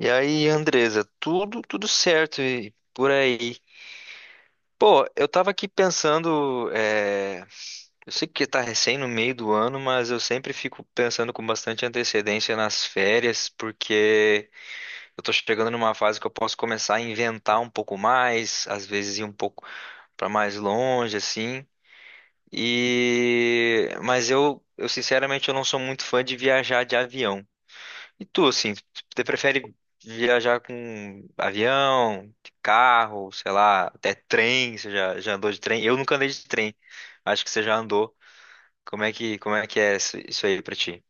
E aí, Andresa, tudo certo e por aí. Pô, eu tava aqui pensando, eu sei que tá recém no meio do ano, mas eu sempre fico pensando com bastante antecedência nas férias, porque eu tô chegando numa fase que eu posso começar a inventar um pouco mais, às vezes ir um pouco pra mais longe, assim. Mas eu sinceramente eu não sou muito fã de viajar de avião. E tu, assim, você prefere viajar com avião, carro, sei lá, até trem? Você já andou de trem? Eu nunca andei de trem. Acho que você já andou. Como é que é isso aí pra ti?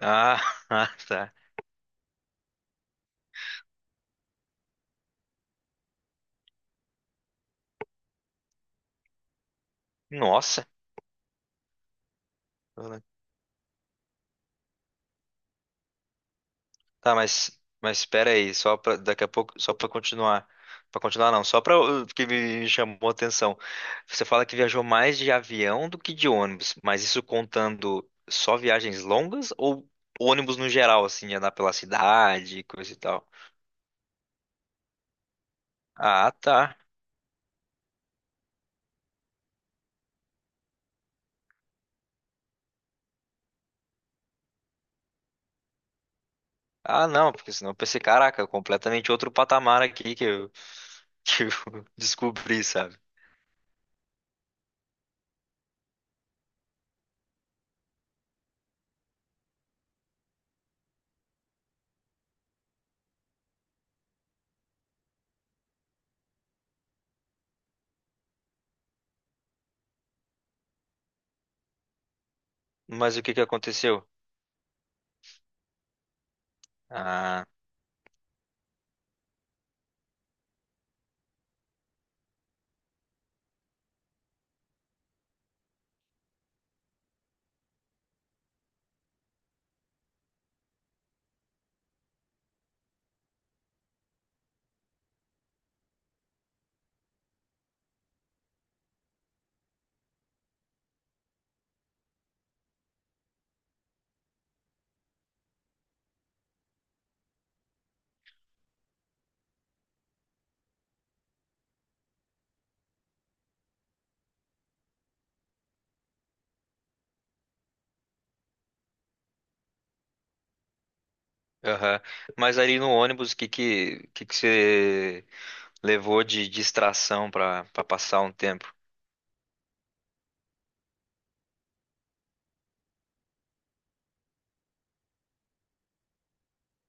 Ah, ah, tá. Nossa. Tá, mas espera aí, só para daqui a pouco, só para continuar não, só para porque me chamou a atenção. Você fala que viajou mais de avião do que de ônibus, mas isso contando só viagens longas ou ônibus no geral, assim, andar pela cidade, coisa e tal? Ah, tá. Ah, não, porque senão eu pensei, caraca, completamente outro patamar aqui que eu, que eu descobri, sabe? Mas o que que aconteceu? Ah, aham. Mas ali no ônibus, o que que você levou de distração pra para passar um tempo.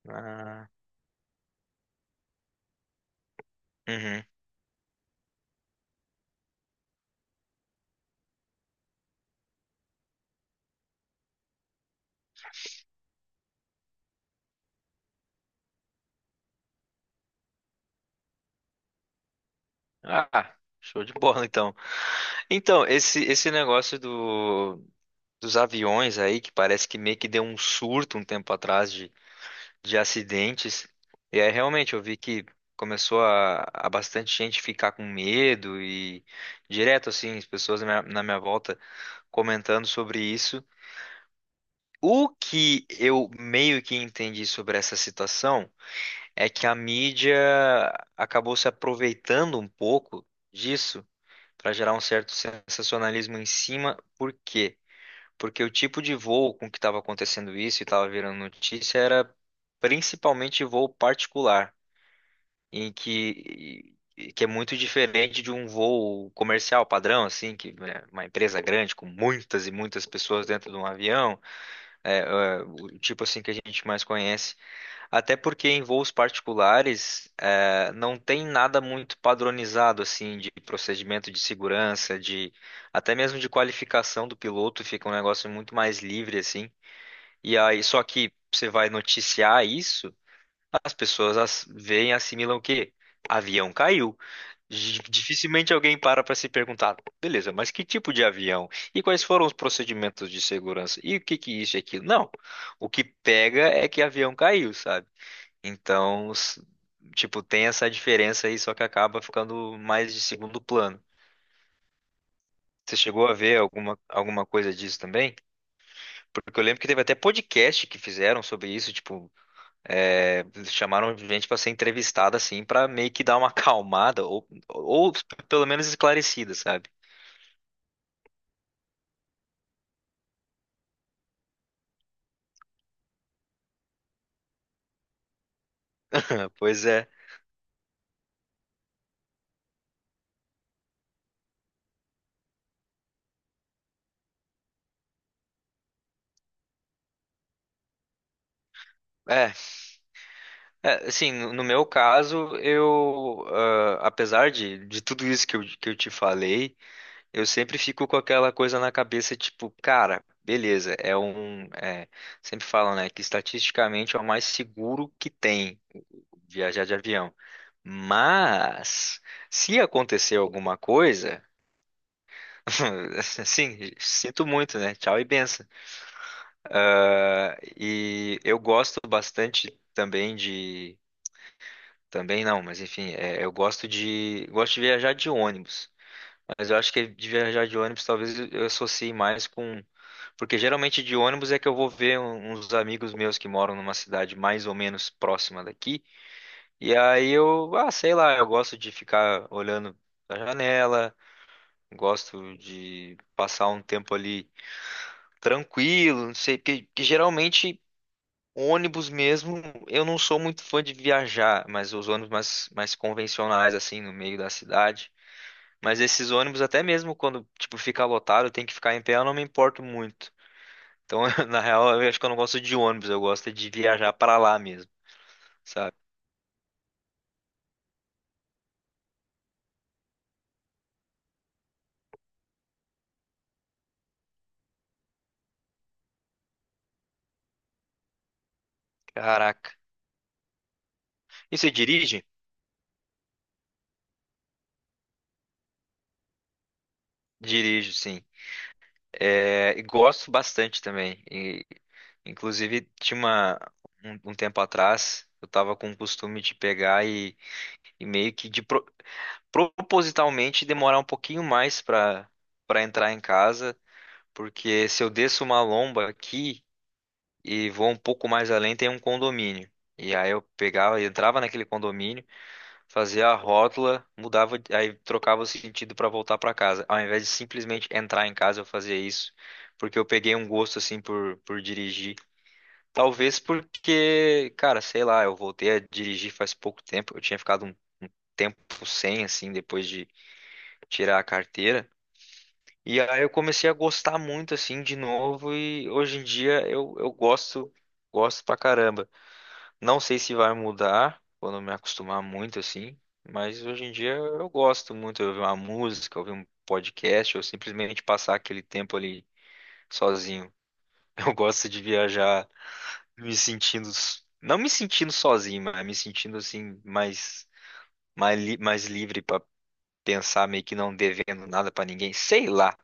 Ah, uhum. Ah, show de bola então. Então, esse negócio do dos aviões aí que parece que meio que deu um surto um tempo atrás de acidentes. E aí realmente eu vi que começou a bastante gente ficar com medo e direto assim, as pessoas na minha volta comentando sobre isso. O que eu meio que entendi sobre essa situação é que a mídia acabou se aproveitando um pouco disso para gerar um certo sensacionalismo em cima. Por quê? Porque o tipo de voo com que estava acontecendo isso e estava virando notícia era principalmente voo particular, em que é muito diferente de um voo comercial padrão, assim, que né, uma empresa grande com muitas e muitas pessoas dentro de um avião, o tipo assim que a gente mais conhece. Até porque em voos particulares, não tem nada muito padronizado assim de procedimento de segurança, de até mesmo de qualificação do piloto, fica um negócio muito mais livre assim. E aí, só que você vai noticiar isso, as pessoas as, veem, assimilam o quê? Avião caiu. Dificilmente alguém para se perguntar, beleza, mas que tipo de avião? E quais foram os procedimentos de segurança? E o que que isso e aquilo? Não, o que pega é que avião caiu, sabe? Então, tipo, tem essa diferença aí, só que acaba ficando mais de segundo plano. Você chegou a ver alguma coisa disso também? Porque eu lembro que teve até podcast que fizeram sobre isso, tipo, é, chamaram gente pra ser entrevistada assim, pra meio que dar uma acalmada ou pelo menos esclarecida, sabe? Pois é. É, assim, no no meu caso, apesar de tudo isso que eu te falei, eu sempre fico com aquela coisa na cabeça, tipo, cara, beleza, sempre falam, né, que estatisticamente é o mais seguro que tem viajar de avião. Mas, se acontecer alguma coisa, assim, sinto muito, né? Tchau e benção. Ah, e eu gosto bastante também de. Também não, mas enfim, é, eu gosto de. Gosto de viajar de ônibus. Mas eu acho que de viajar de ônibus talvez eu associe mais com. Porque geralmente de ônibus é que eu vou ver uns amigos meus que moram numa cidade mais ou menos próxima daqui. E aí eu, ah, sei lá, eu gosto de ficar olhando da janela, gosto de passar um tempo ali tranquilo, não sei, porque, porque geralmente ônibus mesmo, eu não sou muito fã de viajar, mas os ônibus mais convencionais, assim, no meio da cidade. Mas esses ônibus, até mesmo quando, tipo, fica lotado, tem que ficar em pé, eu não me importo muito. Então, na real, eu acho que eu não gosto de ônibus, eu gosto de viajar pra lá mesmo, sabe? Caraca. E você dirige? Dirijo, sim. É, e gosto bastante também. E, inclusive, tinha um tempo atrás, eu tava com o costume de pegar e meio que propositalmente demorar um pouquinho mais para entrar em casa, porque se eu desço uma lomba aqui e vou um pouco mais além, tem um condomínio. E aí eu pegava, entrava naquele condomínio, fazia a rótula, mudava, aí trocava o sentido para voltar para casa. Ao invés de simplesmente entrar em casa, eu fazia isso, porque eu peguei um gosto assim por dirigir. Talvez porque, cara, sei lá, eu voltei a dirigir faz pouco tempo, eu tinha ficado um, um tempo sem, assim, depois de tirar a carteira. E aí eu comecei a gostar muito, assim, de novo, e hoje em dia eu gosto, gosto pra caramba. Não sei se vai mudar quando eu me acostumar muito assim, mas hoje em dia eu gosto muito de ouvir uma música, ouvir um podcast ou simplesmente passar aquele tempo ali sozinho. Eu gosto de viajar me sentindo, não me sentindo sozinho, mas me sentindo assim mais mais livre para pensar meio que não devendo nada para ninguém, sei lá,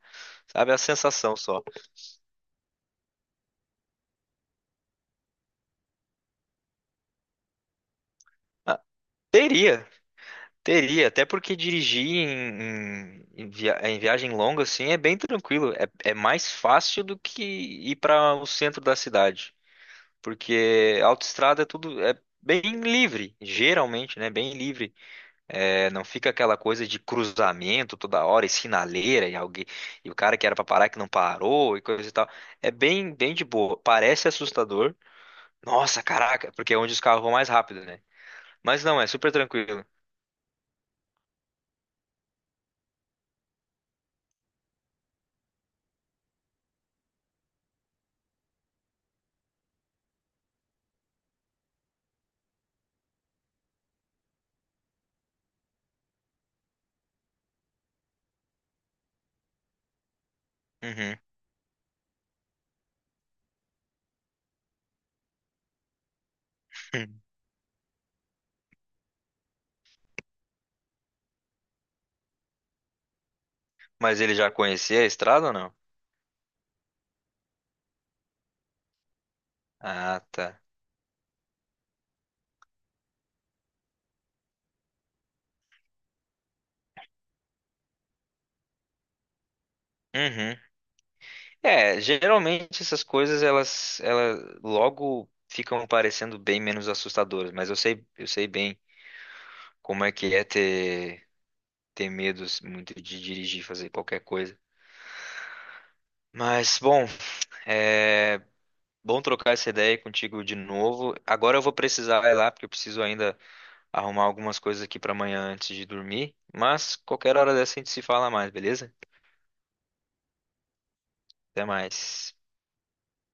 sabe? A sensação só. Ah, teria. Teria, até porque dirigir em viagem longa assim é bem tranquilo. É, é mais fácil do que ir para o centro da cidade, porque autoestrada é tudo é bem livre, geralmente, né? Bem livre. É, não fica aquela coisa de cruzamento toda hora e sinaleira e alguém e o cara que era para parar que não parou e coisa e tal. É bem de boa. Parece assustador. Nossa, caraca, porque é onde os carros vão mais rápido, né? Mas não, é super tranquilo. Uhum. Mas ele já conhecia a estrada ou não? Ah, tá. Uhum. É, geralmente essas coisas elas logo ficam parecendo bem menos assustadoras, mas eu sei bem como é que é ter, ter medos muito de dirigir, fazer qualquer coisa. Mas bom, é bom trocar essa ideia contigo de novo. Agora eu vou precisar ir lá porque eu preciso ainda arrumar algumas coisas aqui para amanhã antes de dormir, mas qualquer hora dessa a gente se fala mais, beleza? Até mais.